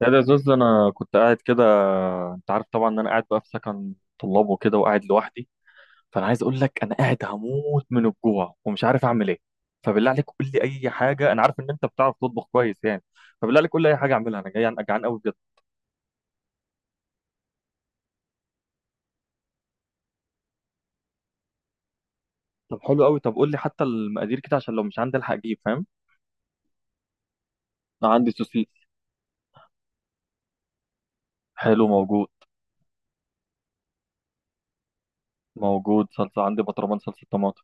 لا، ده يا زوز، انا كنت قاعد كده. انت عارف طبعا ان انا قاعد بقى في سكن طلاب وكده، وقاعد لوحدي. فانا عايز اقول لك، انا قاعد هموت من الجوع ومش عارف اعمل ايه. فبالله عليك قول لي اي حاجه، انا عارف ان انت بتعرف تطبخ كويس يعني. فبالله عليك قول لي اي حاجه اعملها، انا جاي جعان قوي بجد. طب حلو قوي. طب قول لي حتى المقادير كده عشان لو مش عندي الحق اجيب، فاهم؟ انا عندي سوسيس. حلو، موجود. موجود، صلصه عندي، بطرمان صلصه طماطم.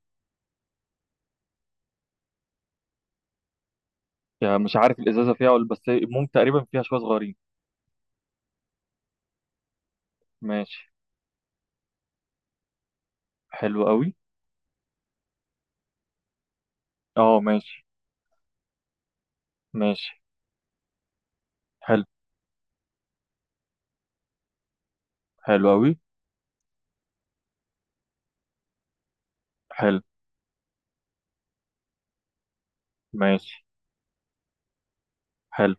يعني مش عارف الازازه فيها ولا بس، المهم تقريبا فيها شويه صغيرين. ماشي. حلو قوي. اه، ماشي. ماشي. حلو. حلو أوي. حلو. ماشي. حلو.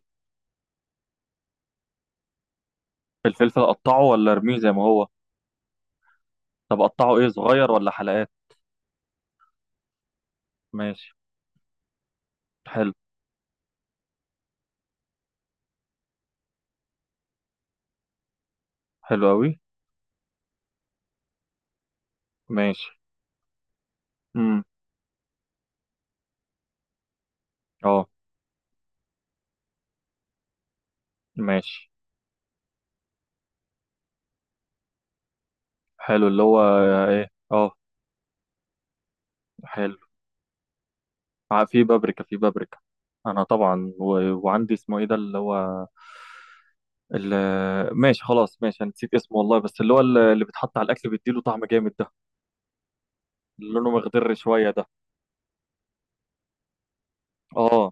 الفلفل أقطعه ولا أرميه زي ما هو؟ طب أقطعه إيه، صغير ولا حلقات؟ ماشي. حلو. حلو أوي. ماشي. امم. أه. ماشي. حلو، اللي هو. إيه، أه. حلو. في بابريكا في بابريكا. أنا طبعا و... وعندي اسمه إيه ده اللي هو. ال... ماشي، خلاص، ماشي، أنا نسيت اسمه والله، بس اللي هو اللي بيتحط على الأكل بيديله طعم جامد ده. اللي لونه مخضر شوية ده. أه.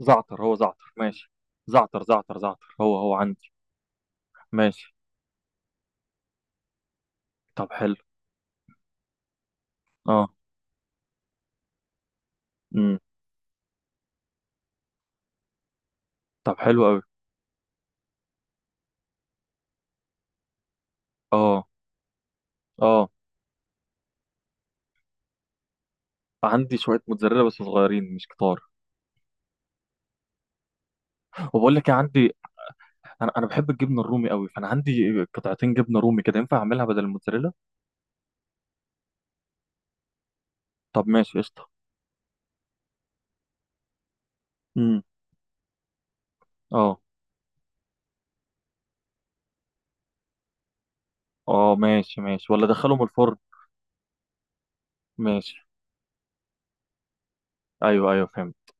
زعتر، هو زعتر، ماشي. زعتر زعتر زعتر هو هو عندي. ماشي. طب حلو. اه. امم. طب حلو قوي. اه، اه. عندي شويه موتزاريلا بس صغيرين مش كتار. وبقول لك إيه، عندي. انا بحب الجبنه الرومي قوي، فانا عندي قطعتين جبنه رومي كده، ينفع اعملها بدل الموتزاريلا؟ طب ماشي، قشطه. امم. اه، اه، ماشي ماشي، ولا ادخلهم الفرن؟ ماشي. ايوه ايوه، فهمت.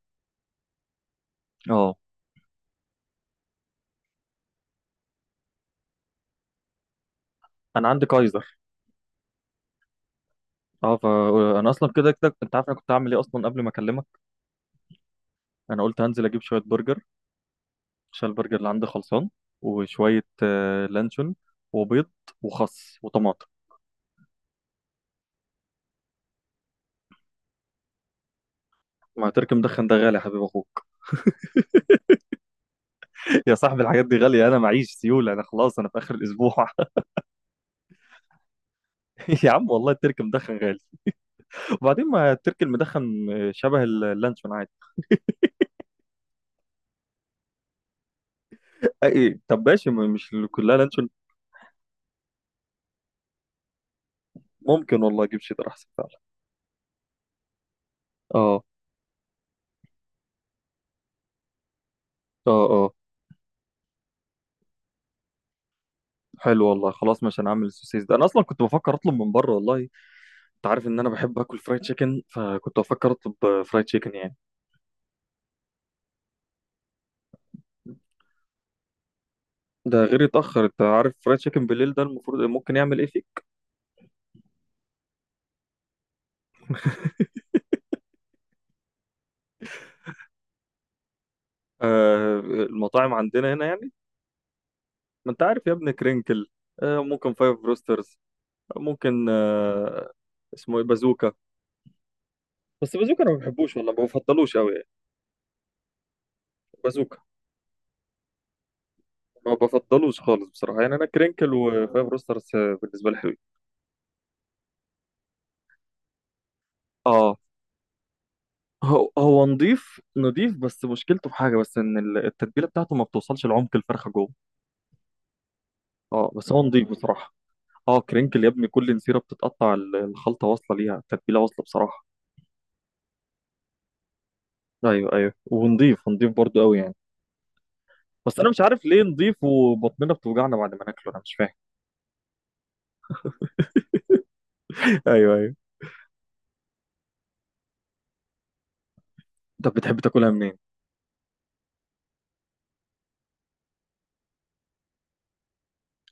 اه. انا عندي كايزر. اه، فانا اصلا كده كده انت عارف انا كنت هعمل ايه اصلا قبل ما اكلمك. انا قلت هنزل اجيب شويه برجر، عشان البرجر اللي عندي خلصان. وشويه لانشون. وبيض. وخس وطماطم. ما ترك مدخن ده غالي، يا حبيب اخوك. يا صاحبي، الحاجات دي غاليه، انا معيش سيوله، انا خلاص، انا في اخر الاسبوع. يا عم، والله الترك مدخن غالي. وبعدين، ما الترك المدخن شبه اللانشون عادي. أي، طب ماشي، مش كلها لانشون. ممكن والله اجيب شيدر، احسن فعلا. اه. اه. اه. حلو والله، خلاص مش هنعمل السوسيس ده، انا اصلا كنت بفكر اطلب من بره والله. انت عارف ان انا بحب اكل فرايد تشيكن، فكنت بفكر اطلب فرايد تشيكن يعني. ده غير يتاخر، انت عارف فرايد تشيكن بالليل ده المفروض ممكن يعمل ايه فيك. آه، المطاعم عندنا هنا يعني. ما انت عارف يا ابني، كرينكل. ممكن فايف بروسترز. ممكن. اسمه ايه، بازوكا. بس بازوكا انا ما بحبوش والله، ما بفضلوش قوي يعني. بازوكا. ما بفضلوش خالص بصراحه يعني، انا كرينكل وفايف بروسترز، بالنسبه لي حلو. اه، هو هو نضيف نضيف، بس مشكلته في حاجه بس، ان التتبيله بتاعته ما بتوصلش لعمق الفرخه جوه. اه، بس هو نضيف بصراحه. اه، كرينكل يا ابني كل نسيره بتتقطع، الخلطه واصله ليها، التتبيله واصله بصراحه. ايوه ايوه، ونضيف نضيف برضو قوي يعني. بس انا مش عارف ليه نضيف، وبطننا بتوجعنا بعد ما ناكله، انا مش فاهم. ايوه ايوه. طب بتحب تاكلها منين؟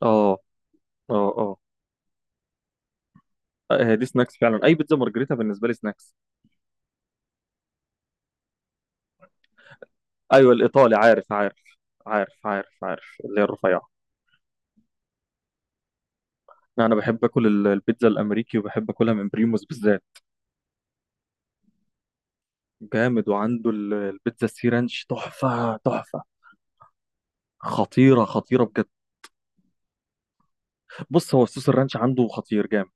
اه. اه. اه. هي دي سناكس فعلا، اي بيتزا مارجريتا بالنسبه لي سناكس. ايوه، الايطالي، عارف عارف. عارف عارف عارف اللي هي الرفيعه. انا بحب اكل البيتزا الامريكي، وبحب اكلها من بريموس بالذات. جامد، وعنده البيتزا السي رانش تحفه تحفه. خطيره خطيره بجد. بص هو صوص الرانش عنده خطير جامد.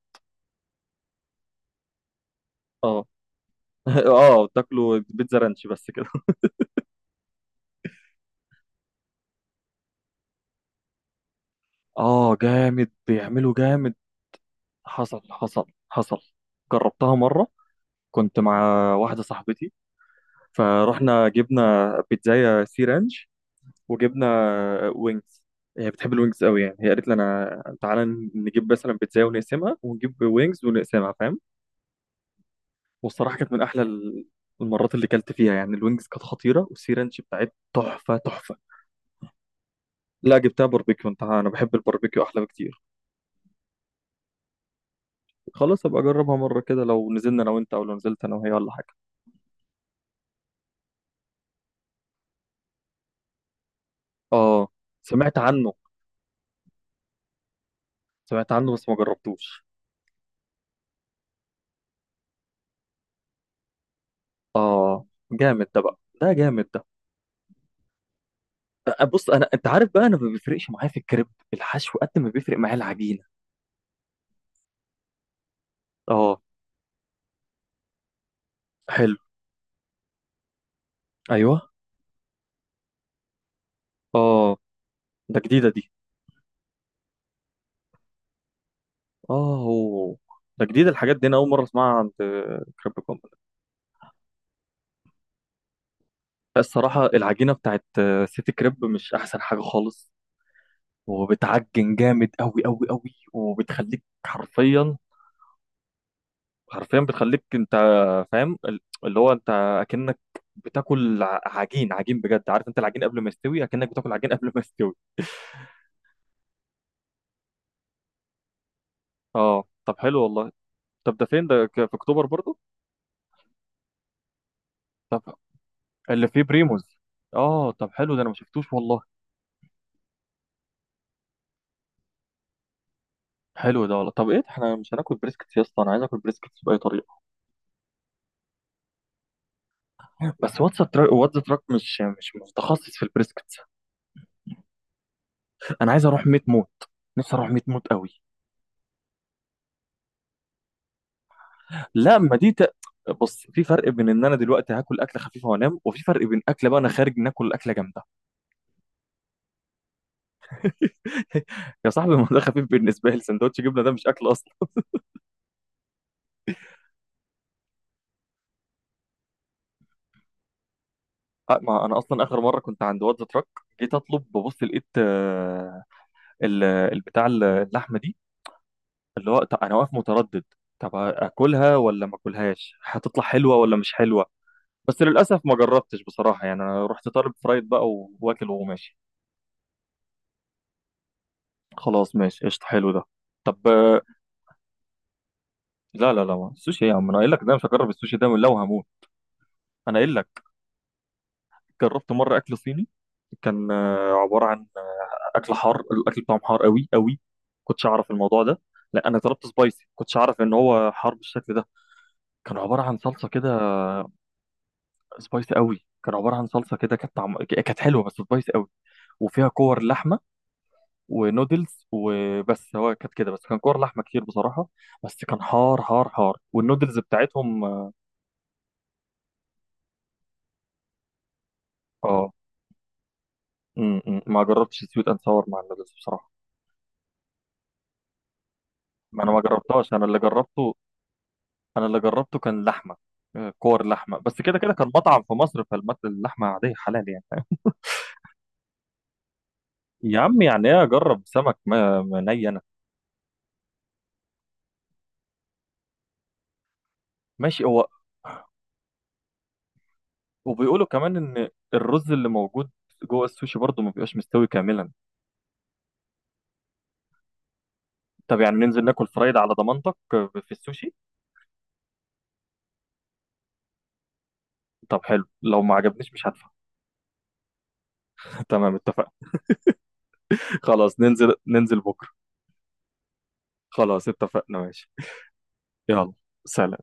اه. اه، تاكله بيتزا رانش بس كده. اه جامد، بيعمله جامد. حصل حصل. حصل. جربتها مرة. كنت مع واحدة صاحبتي. فرحنا جبنا بيتزاية سي رانش، وجبنا وينجز. هي بتحب الوينجز قوي يعني، هي قالت لي انا تعالى نجيب مثلا بيتزاية ونقسمها، ونجيب وينجز ونقسمها، فاهم؟ والصراحة كانت من احلى المرات اللي كلت فيها يعني. الوينجز كانت خطيرة، والسي رانش بتاعت تحفة تحفة. لا، جبتها باربيكيو، انت انا بحب الباربيكيو احلى بكتير. خلاص ابقى اجربها مرة كده، لو نزلنا انا وانت او لو نزلت انا وهي ولا حاجة. اه. سمعت عنه. سمعت عنه بس ما جربتوش. اه جامد ده بقى، ده جامد ده. بص انا، انت عارف بقى، انا ما بيفرقش معايا في الكريب، الحشو قد ما بيفرق معايا العجينه. اه. حلو. ايوه. اه. ده جديده دي. اه هو. ده جديده الحاجات دي، انا اول مره اسمعها عند كريب كومباني. الصراحه العجينه بتاعت سيتي كريب مش احسن حاجه خالص، وبتعجن جامد قوي قوي قوي، وبتخليك حرفيا. حرفيا بتخليك انت، فاهم اللي هو انت اكنك بتاكل عجين عجين بجد، عارف انت العجين قبل ما يستوي، اكنك بتاكل عجين قبل ما يستوي. اه، طب حلو والله. طب ده فين ده، في اكتوبر برضو؟ طب. اللي فيه بريموز. اه، طب حلو، ده انا ما شفتوش والله. حلو ده والله. طب ايه ده، احنا مش هناكل بريسكتس يا اسطى، انا عايز اكل بريسكتس باي طريقه. بس واتس تراك، واتس تراك مش متخصص في البريسكتس. انا عايز اروح ميت موت. نفسي اروح ميت موت قوي. لا، ما دي ت... بص، في فرق بين ان انا دلوقتي هاكل اكله خفيفه وانام، وفي فرق بين اكله بقى انا خارج ناكل اكله جامده. يا صاحبي، ما ده خفيف بالنسبه لي، سندوتش جبنه ده مش اكل اصلا. ما انا اصلا اخر مره كنت عند واد تراك، جيت اطلب ببص لقيت، البتاع اللحمه دي، اللي هو، طب انا واقف متردد، طب اكلها ولا ما اكلهاش، هتطلع حلوه ولا مش حلوه؟ بس للاسف ما جربتش بصراحه يعني، انا رحت طالب فرايد بقى واكل وماشي. خلاص ماشي، قشطه، حلو ده. طب. لا لا لا، ما. السوشي يا عم، انا قايل لك ده مش هجرب السوشي ده لو هموت. انا قايل لك، جربت مره اكل صيني، كان عباره عن اكل حار، الاكل بتاعهم حار قوي قوي، كنتش اعرف الموضوع ده. لا، انا طلبت سبايسي، كنتش اعرف ان هو حار بالشكل ده. كان عباره عن صلصه كده. سبايسي قوي، كان عباره عن صلصه كده، كانت حلوه بس سبايسي قوي. وفيها كور لحمه ونودلز وبس، هو كانت كده بس، كان كور لحمه كتير بصراحه. بس كان حار حار حار، والنودلز بتاعتهم، اه. آه. م- م. ما جربتش سويت اند ساور مع النودلز بصراحه. ما انا ما جربتهاش، انا اللي جربته، انا اللي جربته كان لحمه، كور لحمه بس كده كده، كان مطعم في مصر فالمت اللحمه عاديه حلال يعني. يا عم، يعني ايه اجرب سمك، ما ني انا. ماشي، هو. وبيقولوا كمان ان الرز اللي موجود جوه السوشي برضه ما بيبقاش مستوي كاملا. طب يعني ننزل ناكل فرايد على ضمانتك؟ في السوشي. طب حلو، لو ما عجبنيش مش هدفع. تمام، اتفقنا. خلاص، ننزل ننزل بكره. خلاص، اتفقنا، ماشي. يلا. سلام.